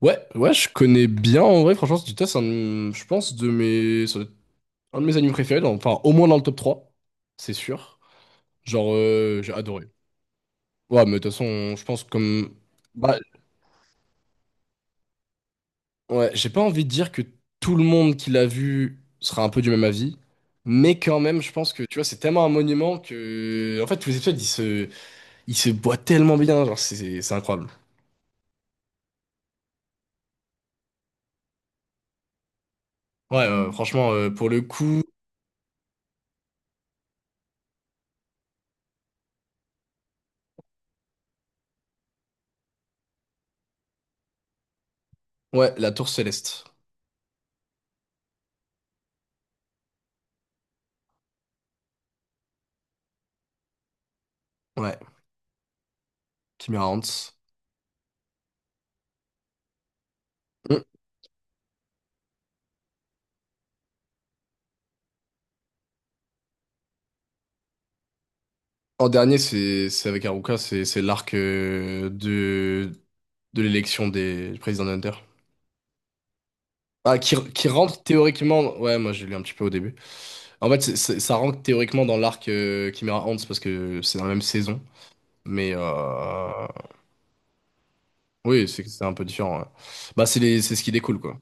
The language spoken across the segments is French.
Ouais, ouais, je connais bien en vrai, franchement, Studio Toss, c'est un, je pense, de mes, ça doit être un de mes animes préférés, enfin, au moins dans le top 3, c'est sûr. Genre, j'ai adoré. Ouais, mais de toute façon, je pense comme. Bah, ouais, j'ai pas envie de dire que tout le monde qui l'a vu sera un peu du même avis, mais quand même, je pense que, tu vois, c'est tellement un monument que. En fait, tous les épisodes, ils se boivent tellement bien, genre, c'est incroyable. Ouais, franchement, pour le coup, ouais, la Tour Céleste. Ouais, Kimira Hans. En dernier, c'est avec Haruka, c'est l'arc de l'élection des du président Hunter. Ah, qui rentre théoriquement. Ouais, moi j'ai lu un petit peu au début. En fait, ça rentre théoriquement dans l'arc Chimera Ants parce que c'est dans la même saison. Mais oui, c'est un peu différent. Ouais. Bah, c'est ce qui découle, quoi.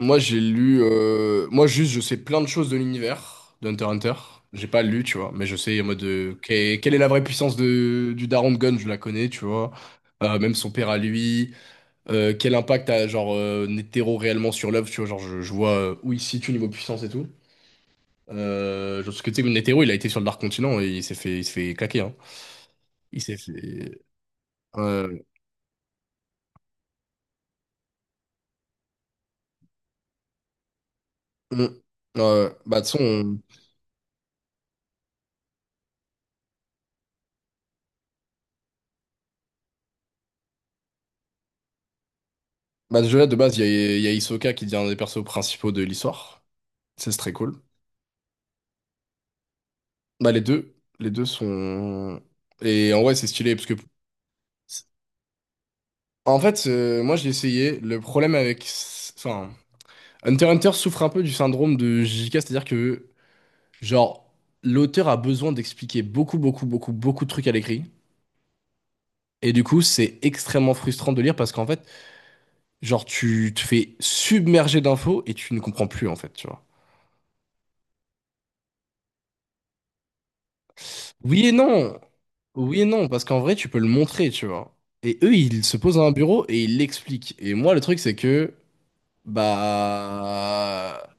Moi, j'ai lu. Moi, juste, je sais plein de choses de l'univers d'Hunter x Hunter. J'ai pas lu, tu vois, mais je sais en mode. Quelle est la vraie puissance de... du Daron de Gon, je la connais, tu vois. Même son père à lui. Quel impact a, genre, Netero réellement sur l'œuvre, tu vois. Genre, je vois où il se situe niveau puissance et tout. Genre, parce que, tu sais, Netero, il a été sur le Dark Continent et il s'est fait claquer, hein. Il s'est fait. Euh... mm, Bah, de son. Bah, déjà, de base, il y a Hisoka qui devient un des persos principaux de l'histoire. Ça, c'est très cool. Bah les deux sont... Et en vrai, c'est stylé, parce que... En fait, moi, j'ai essayé. Le problème avec... Enfin, Hunter x Hunter souffre un peu du syndrome de JK, c'est-à-dire que, genre, l'auteur a besoin d'expliquer beaucoup, beaucoup, beaucoup, beaucoup de trucs à l'écrit. Et du coup, c'est extrêmement frustrant de lire parce qu'en fait, genre, tu te fais submerger d'infos et tu ne comprends plus, en fait, tu vois. Oui et non! Oui et non, parce qu'en vrai, tu peux le montrer, tu vois. Et eux, ils se posent à un bureau et ils l'expliquent. Et moi, le truc, c'est que... Bah,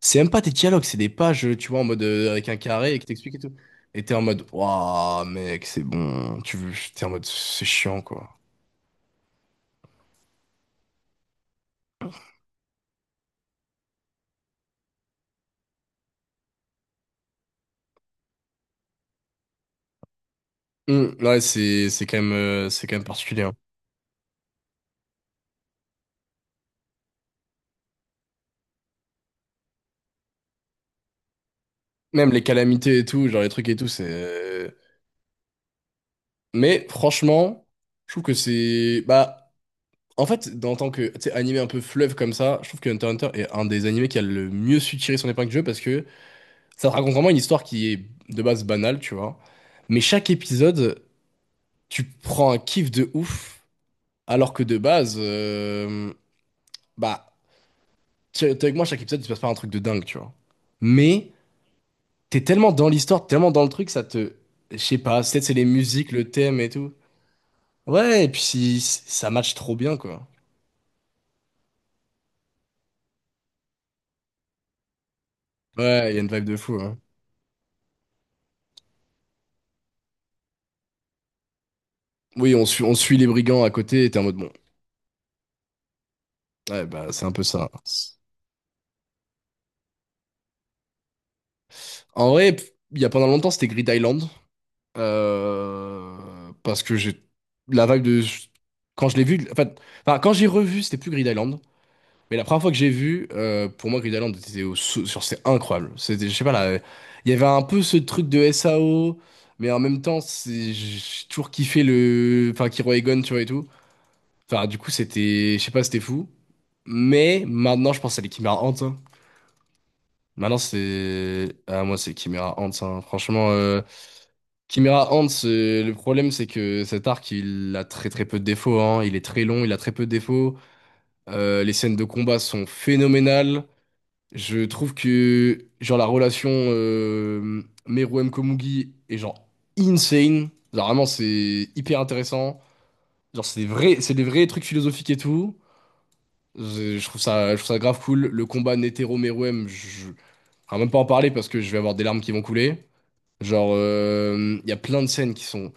c'est même pas des dialogues, c'est des pages, tu vois, en mode avec un carré et qui t'explique et tout. Et t'es en mode, waouh, mec, c'est bon. Tu veux, t'es en mode, c'est chiant, quoi. Ouais, c'est quand même, c'est quand même particulier, hein. Même les calamités et tout, genre les trucs et tout, c'est. Mais franchement, je trouve que c'est, bah, en fait, en tant que, tu sais, animé un peu fleuve comme ça, je trouve que Hunter x Hunter est un des animés qui a le mieux su tirer son épingle du jeu parce que ça te raconte vraiment une histoire qui est de base banale, tu vois. Mais chaque épisode, tu prends un kiff de ouf, alors que de base, bah, t'es avec moi, chaque épisode, tu passes pas un truc de dingue, tu vois. Mais t'es tellement dans l'histoire, t'es tellement dans le truc, ça te... Je sais pas, peut-être c'est les musiques, le thème et tout. Ouais, et puis si, ça match trop bien, quoi. Ouais, il y a une vibe de fou, hein. Oui, on suit les brigands à côté, et t'es en mode, bon, ouais, bah, c'est un peu ça. En vrai, il y a pendant longtemps, c'était Grid Island. Parce que j'ai la vibe de quand je l'ai vu, en fait, enfin quand j'ai revu c'était plus Grid Island. Mais la première fois que j'ai vu, pour moi, Grid Island était sur c'est incroyable, c'était, je sais pas là, il y avait un peu ce truc de SAO, mais en même temps c'est, j'ai toujours kiffé le, enfin, Kiro Egon, tu vois, et tout. Enfin du coup c'était, je sais pas, c'était fou. Mais maintenant je pense à les Chimera Ants, hein. Maintenant c'est ah moi c'est Chimera Ants, hein. Franchement, Chimera Ant, le problème, c'est que cet arc, il a très très peu de défauts, hein. Il est très long, il a très peu de défauts. Les scènes de combat sont phénoménales. Je trouve que genre la relation Meruem Komugi est genre insane. Genre vraiment, c'est hyper intéressant. Genre c'est des vrais trucs philosophiques et tout. Je trouve ça grave cool. Le combat Netero Meruem, je vais même pas en parler parce que je vais avoir des larmes qui vont couler. Genre, il y a plein de scènes qui sont.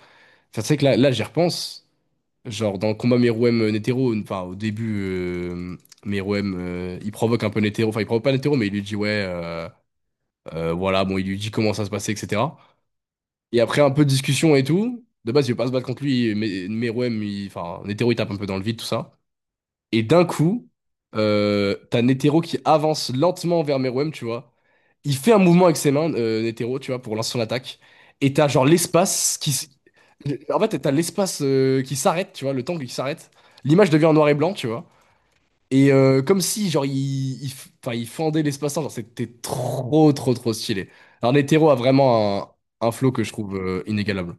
Enfin, c'est vrai que là, j'y repense. Genre, dans le combat Meruem-Netero, enfin, au début, Meruem, il provoque un peu Netero. Enfin, il provoque pas Netero, mais il lui dit, ouais, voilà, bon, il lui dit comment ça se passait, etc. Et après, un peu de discussion et tout. De base, il veut pas se battre contre lui, mais Meruem, enfin, Netero, il tape un peu dans le vide, tout ça. Et d'un coup, t'as Netero qui avance lentement vers Meruem, tu vois. Il fait un mouvement avec ses mains, Netero, tu vois, pour lancer son attaque. Et t'as genre l'espace qui... En fait, t'as l'espace qui s'arrête, tu vois, le temps qui s'arrête. L'image devient en noir et blanc, tu vois. Et comme si, genre, enfin, il fendait l'espace-temps, genre, c'était trop, trop, trop stylé. Alors, Netero a vraiment un flow que je trouve inégalable.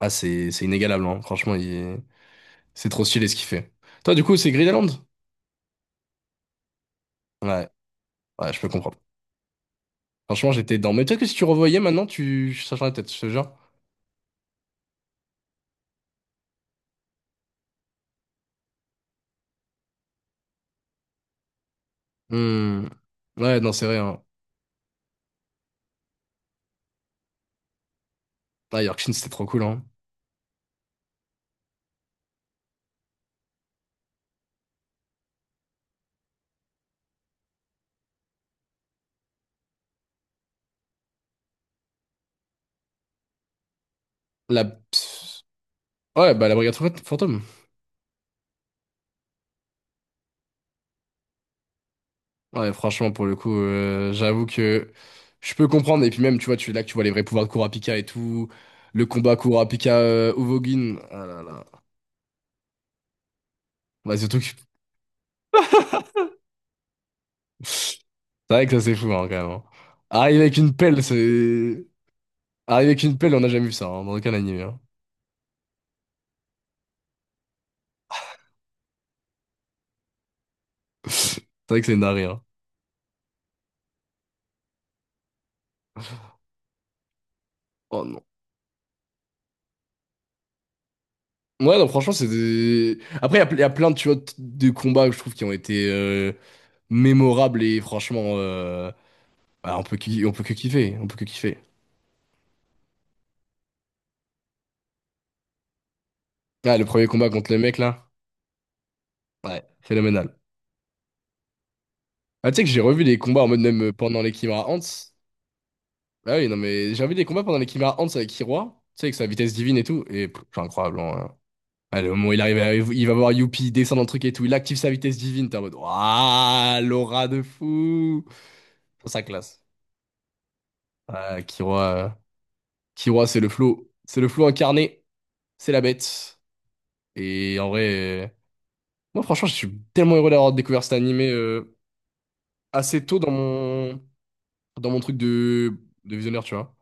Ah, c'est inégalable, hein. Franchement, c'est trop stylé ce qu'il fait. Toi, du coup, c'est Gridaland? Ouais. Ouais, je peux comprendre. Franchement, j'étais dedans. Mais peut-être que si tu revoyais maintenant, tu changerais la tête, je te jure. Hmm. Ouais, non, c'est vrai, hein. Ah, Yorkshin, c'était trop cool, hein. La... Ouais, bah la brigade fantôme. Ouais, franchement, pour le coup, j'avoue que je peux comprendre. Et puis même, tu vois, tu là que tu vois les vrais pouvoirs de Kurapika et tout. Le combat Kurapika Uvogin. Ah là là. Bah, surtout que... C'est vrai que ça, c'est fou, hein, quand même, hein. Arriver avec une pelle, c'est... Arriver avec une pelle, on n'a jamais vu ça, hein, dans aucun anime, hein. C'est vrai que c'est une dinguerie, hein. Oh non. Ouais, non, franchement, c'est des... Après, il y, a ple- y a plein de, tu vois, de combats que je trouve qui ont été mémorables et franchement, bah, on peut que kiffer. On peut que kiffer. Ah, le premier combat contre le mec, là. Ouais. Phénoménal. Ah, tu sais que j'ai revu des combats en mode même pendant les Kimura Ants. Ah oui, non, mais j'ai revu des combats pendant les Kimura Ants avec Hiroa. Tu sais, avec sa vitesse divine et tout. Et pff, c'est incroyable, hein. Ah, le moment où il arrive, il va voir Youpi, il descend dans le truc et tout. Il active sa vitesse divine. T'es en mode, waouh, l'aura de fou. Ça classe. Ah, Kiroa. Killua, c'est le flow. C'est le flow incarné. C'est la bête. Et en vrai, moi, franchement, je suis tellement heureux d'avoir découvert cet animé assez tôt dans mon truc de visionnaire, tu vois.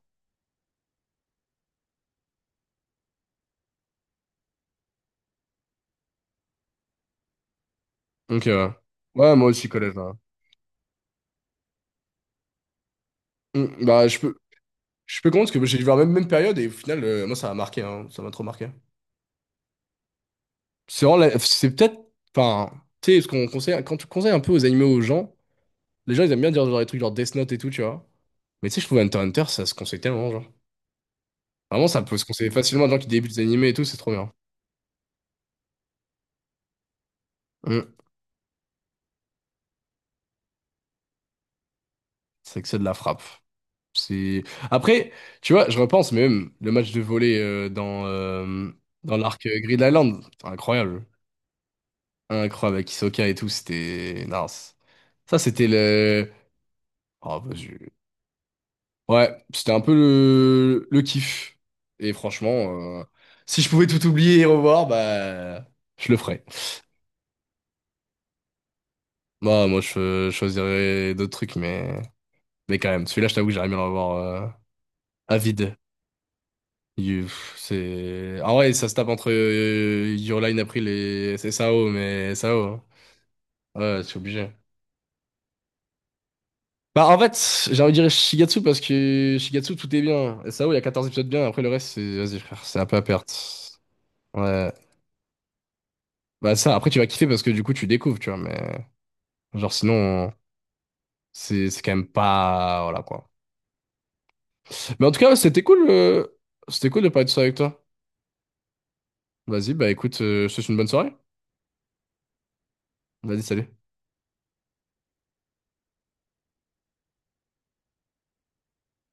Donc, ouais, moi aussi, collège, là. Bah, je peux comprendre parce que j'ai vu la même, même période et au final, moi, ça m'a marqué, hein, ça m'a trop marqué. C'est vraiment c'est peut-être, enfin, tu sais, ce qu'on conseille, quand tu conseilles un peu aux animés aux gens, les gens, ils aiment bien dire genre des trucs genre Death Note et tout, tu vois. Mais tu sais, je trouve Hunter x Hunter, ça se conseille tellement, genre. Vraiment, ça peut se conseiller facilement à des gens qui débutent les animés et tout, c'est trop bien. Mm. C'est que c'est de la frappe. C'est... Après, tu vois, je repense, mais même le match de volley dans l'arc Grid Island, c'était incroyable. Incroyable, avec Hisoka et tout, c'était... Non, ça, c'était le... Oh, bah, ouais, c'était un peu le kiff. Et franchement, si je pouvais tout oublier et revoir, bah, je le ferais. Moi, je choisirais d'autres trucs, mais... Mais quand même, celui-là, je t'avoue que j'aimerais bien le revoir. euh, Avid. Pff, c'est... ah ouais, ça se tape entre Your Line April et SAO, mais SAO, hein. Ouais, c'est obligé. Bah, en fait, j'ai envie de dire Shigatsu parce que Shigatsu, tout est bien. SAO, il y a 14 épisodes bien. Après, le reste, c'est... Vas-y, frère, c'est un peu à perte. Ouais. Bah, ça, après, tu vas kiffer parce que du coup, tu découvres, tu vois. Mais, genre, sinon, c'est quand même pas. Voilà, quoi. Mais en tout cas, c'était cool. C'était cool de parler de ça avec toi. Vas-y, bah, écoute, je te souhaite une bonne soirée. Vas-y, salut.